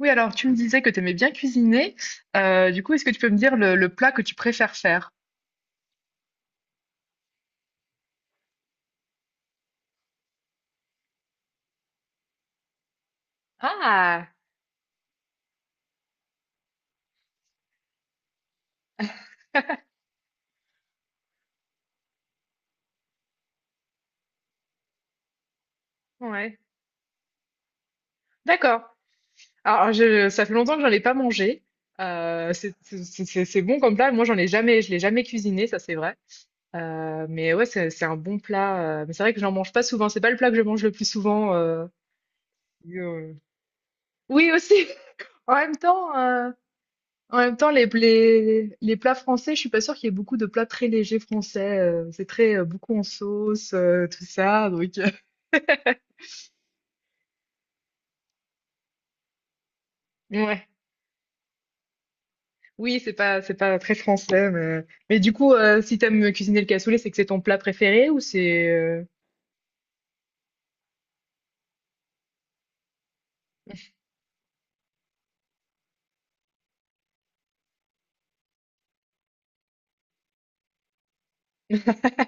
Oui, alors tu me disais que tu aimais bien cuisiner. Du coup, est-ce que tu peux me dire le plat que tu préfères faire? Ah, ouais, d'accord. Alors, je, ça fait longtemps que j'en ai pas mangé. C'est bon comme plat. Moi, j'en ai jamais, je l'ai jamais cuisiné, ça c'est vrai. Mais ouais, c'est un bon plat. Mais c'est vrai que j'en mange pas souvent. C'est pas le plat que je mange le plus souvent. Euh, Oui, aussi. En même temps. En même temps, les plats français, je suis pas sûre qu'il y ait beaucoup de plats très légers français. C'est très beaucoup en sauce, tout ça. Donc, ouais. Oui, c'est pas très français. Mais du coup, si t'aimes cuisiner le cassoulet, c'est que c'est ton plat préféré ou c'est...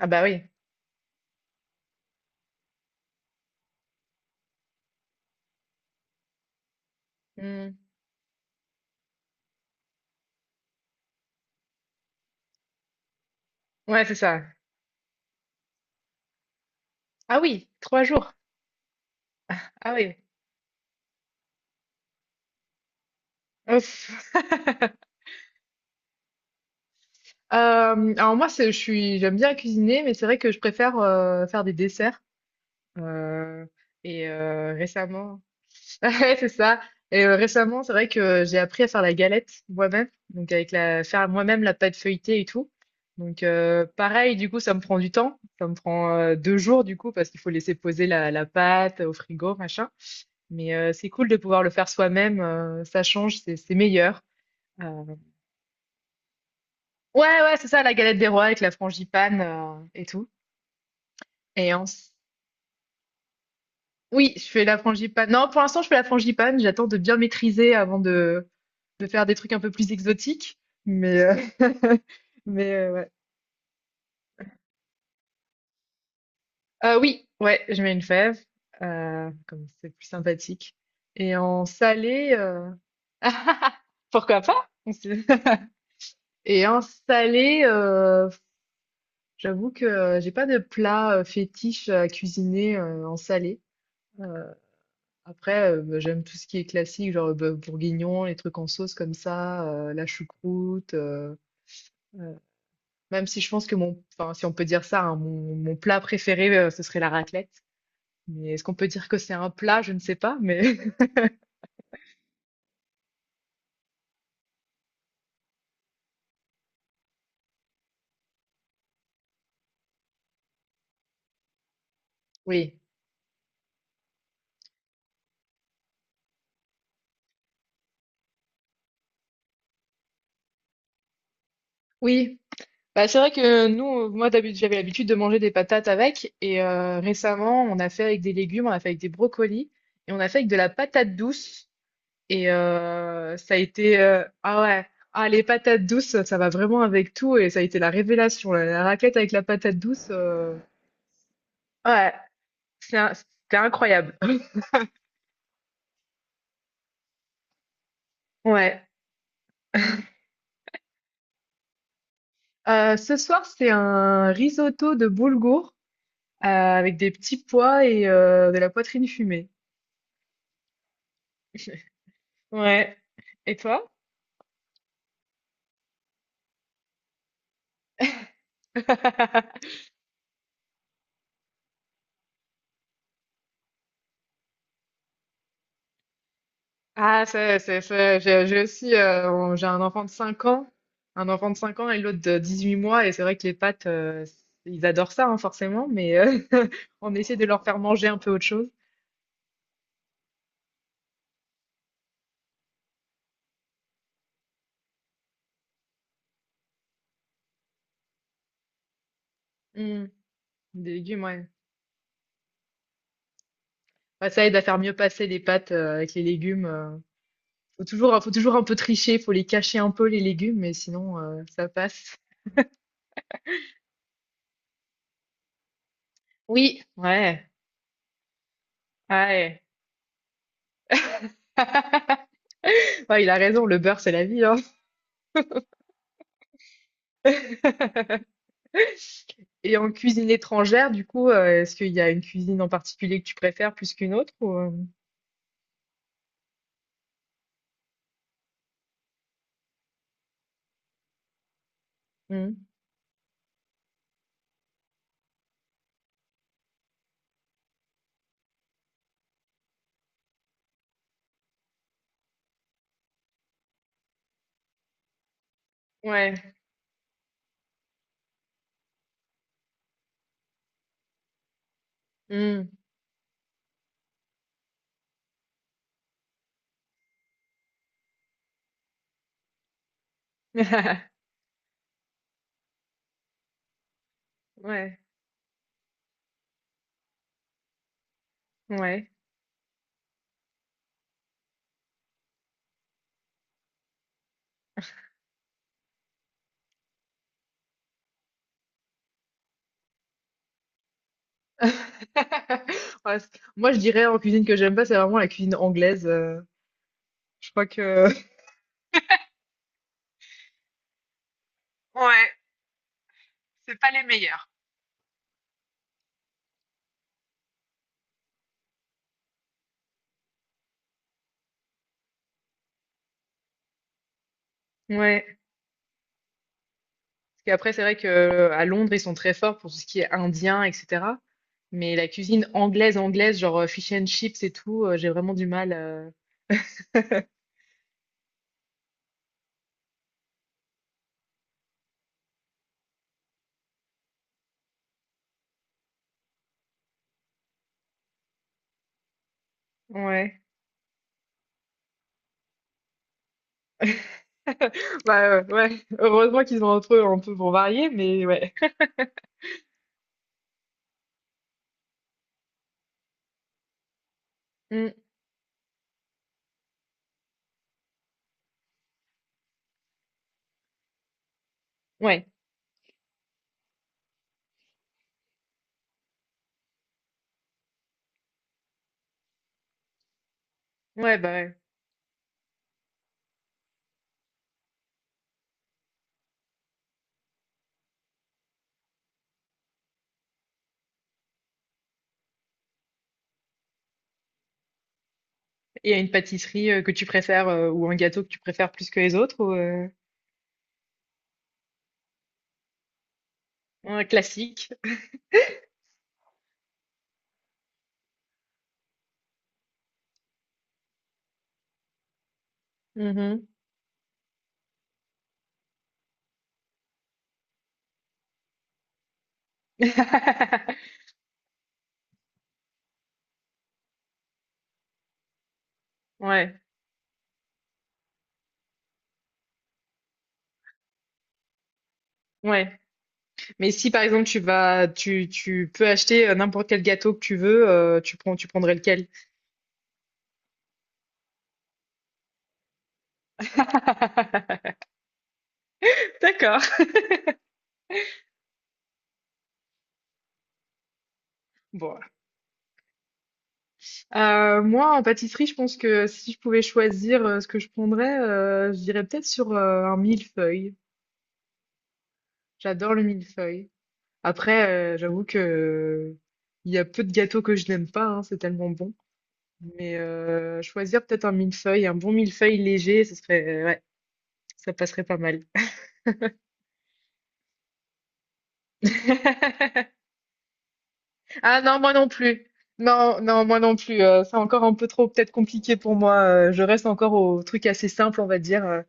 Ah bah oui. Hmm. Ouais, c'est ça. Ah oui, trois jours. Ah oui. Ouf. Alors moi, j'aime bien cuisiner, mais c'est vrai que je préfère faire des desserts. Euh, et récemment... Ouais, c'est ça. Et récemment, c'est vrai que j'ai appris à faire la galette moi-même, donc avec la faire moi-même la pâte feuilletée et tout. Donc pareil, du coup, ça me prend du temps. Ça me prend 2 jours du coup parce qu'il faut laisser poser la pâte au frigo, machin. Mais c'est cool de pouvoir le faire soi-même. Ça change, c'est meilleur. Euh, Ouais, ouais, c'est ça, la galette des rois avec la frangipane et tout. Et ensuite oui, je fais la frangipane. Non, pour l'instant, je fais la frangipane. J'attends de bien maîtriser avant de faire des trucs un peu plus exotiques. Mais mais ouais. Oui, ouais, je mets une fève, comme c'est plus sympathique. Et en salé, pourquoi pas? On sait- Et en salé, j'avoue que j'ai pas de plat fétiche à cuisiner en salé. Euh, Après, bah, j'aime tout ce qui est classique, genre le bœuf bourguignon, les trucs en sauce comme ça, la choucroute. Euh, même si je pense que mon, enfin, si on peut dire ça, hein, mon plat préféré, ce serait la raclette. Mais est-ce qu'on peut dire que c'est un plat? Je ne sais pas, mais oui. Oui. Bah, c'est vrai que nous, moi d'habitude, j'avais l'habitude de manger des patates avec, et récemment, on a fait avec des légumes, on a fait avec des brocolis, et on a fait avec de la patate douce. Et ça a été, ah ouais, ah les patates douces ça va vraiment avec tout et ça a été la révélation la raclette avec la patate douce, ouais, c'est un- c'était incroyable. Ouais. Ce soir c'est un risotto de boulgour avec des petits pois et de la poitrine fumée. Ouais, et toi? Ah, c'est, j'ai aussi, on- j'ai un enfant de 5 ans, un enfant de 5 ans et l'autre de 18 mois, et c'est vrai que les pâtes, ils adorent ça, hein, forcément, mais on essaie de leur faire manger un peu autre chose. Hmm, des légumes, ouais. Bah, ça aide à faire mieux passer les pâtes, avec les légumes. Faut toujours un peu tricher, faut les cacher un peu, les légumes, mais sinon, ça passe. Oui, ouais, ouais. Ouais, il a raison, le beurre, c'est la vie, hein. Et en cuisine étrangère, du coup, est-ce qu'il y a une cuisine en particulier que tu préfères plus qu'une autre ou, hem? Mmh. Ouais. Mmh. Ouais. Ouais. Ouais, c moi, je dirais en cuisine que j'aime pas, c'est vraiment la cuisine anglaise, je crois que ouais, c'est pas les meilleurs. Ouais, parce qu'après c'est vrai que à Londres, ils sont très forts pour tout ce qui est indien et cetera. Mais la cuisine anglaise, anglaise, genre, fish and chips et tout, j'ai vraiment du mal. Heu ouais. Bah, ouais, heureusement qu'ils ont entre eux un peu pour varier, mais ouais. Mmh, ouais, ouais, bah, ouais, et à une pâtisserie que tu préfères, ou un gâteau que tu préfères plus que les autres, ou, un classique? Mmh. Ouais, ouais, mais si par exemple tu vas tu peux acheter n'importe quel gâteau que tu veux, tu prendrais lequel? D'accord. Bon. Moi en pâtisserie, je pense que si je pouvais choisir, ce que je prendrais, je dirais peut-être sur un millefeuille. J'adore le millefeuille. Après, j'avoue que il y a peu de gâteaux que je n'aime pas, hein, c'est tellement bon. Mais choisir peut-être un millefeuille, un bon millefeuille léger, ce serait, ouais, ça passerait pas mal. Ah non, moi non plus. Non, non, moi non plus. C'est encore un peu trop peut-être compliqué pour moi. Je reste encore au truc assez simple, on va dire.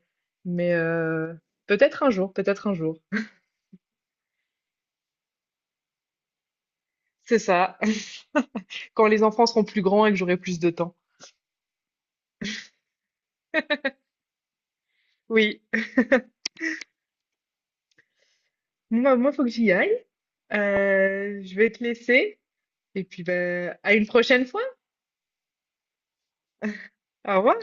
Mais peut-être un jour, peut-être un jour. C'est ça. Quand les enfants seront plus grands et que j'aurai plus de temps. Oui. Moi, moi, faut que j'y aille. Je vais te laisser et puis bah, à une prochaine fois. Au revoir.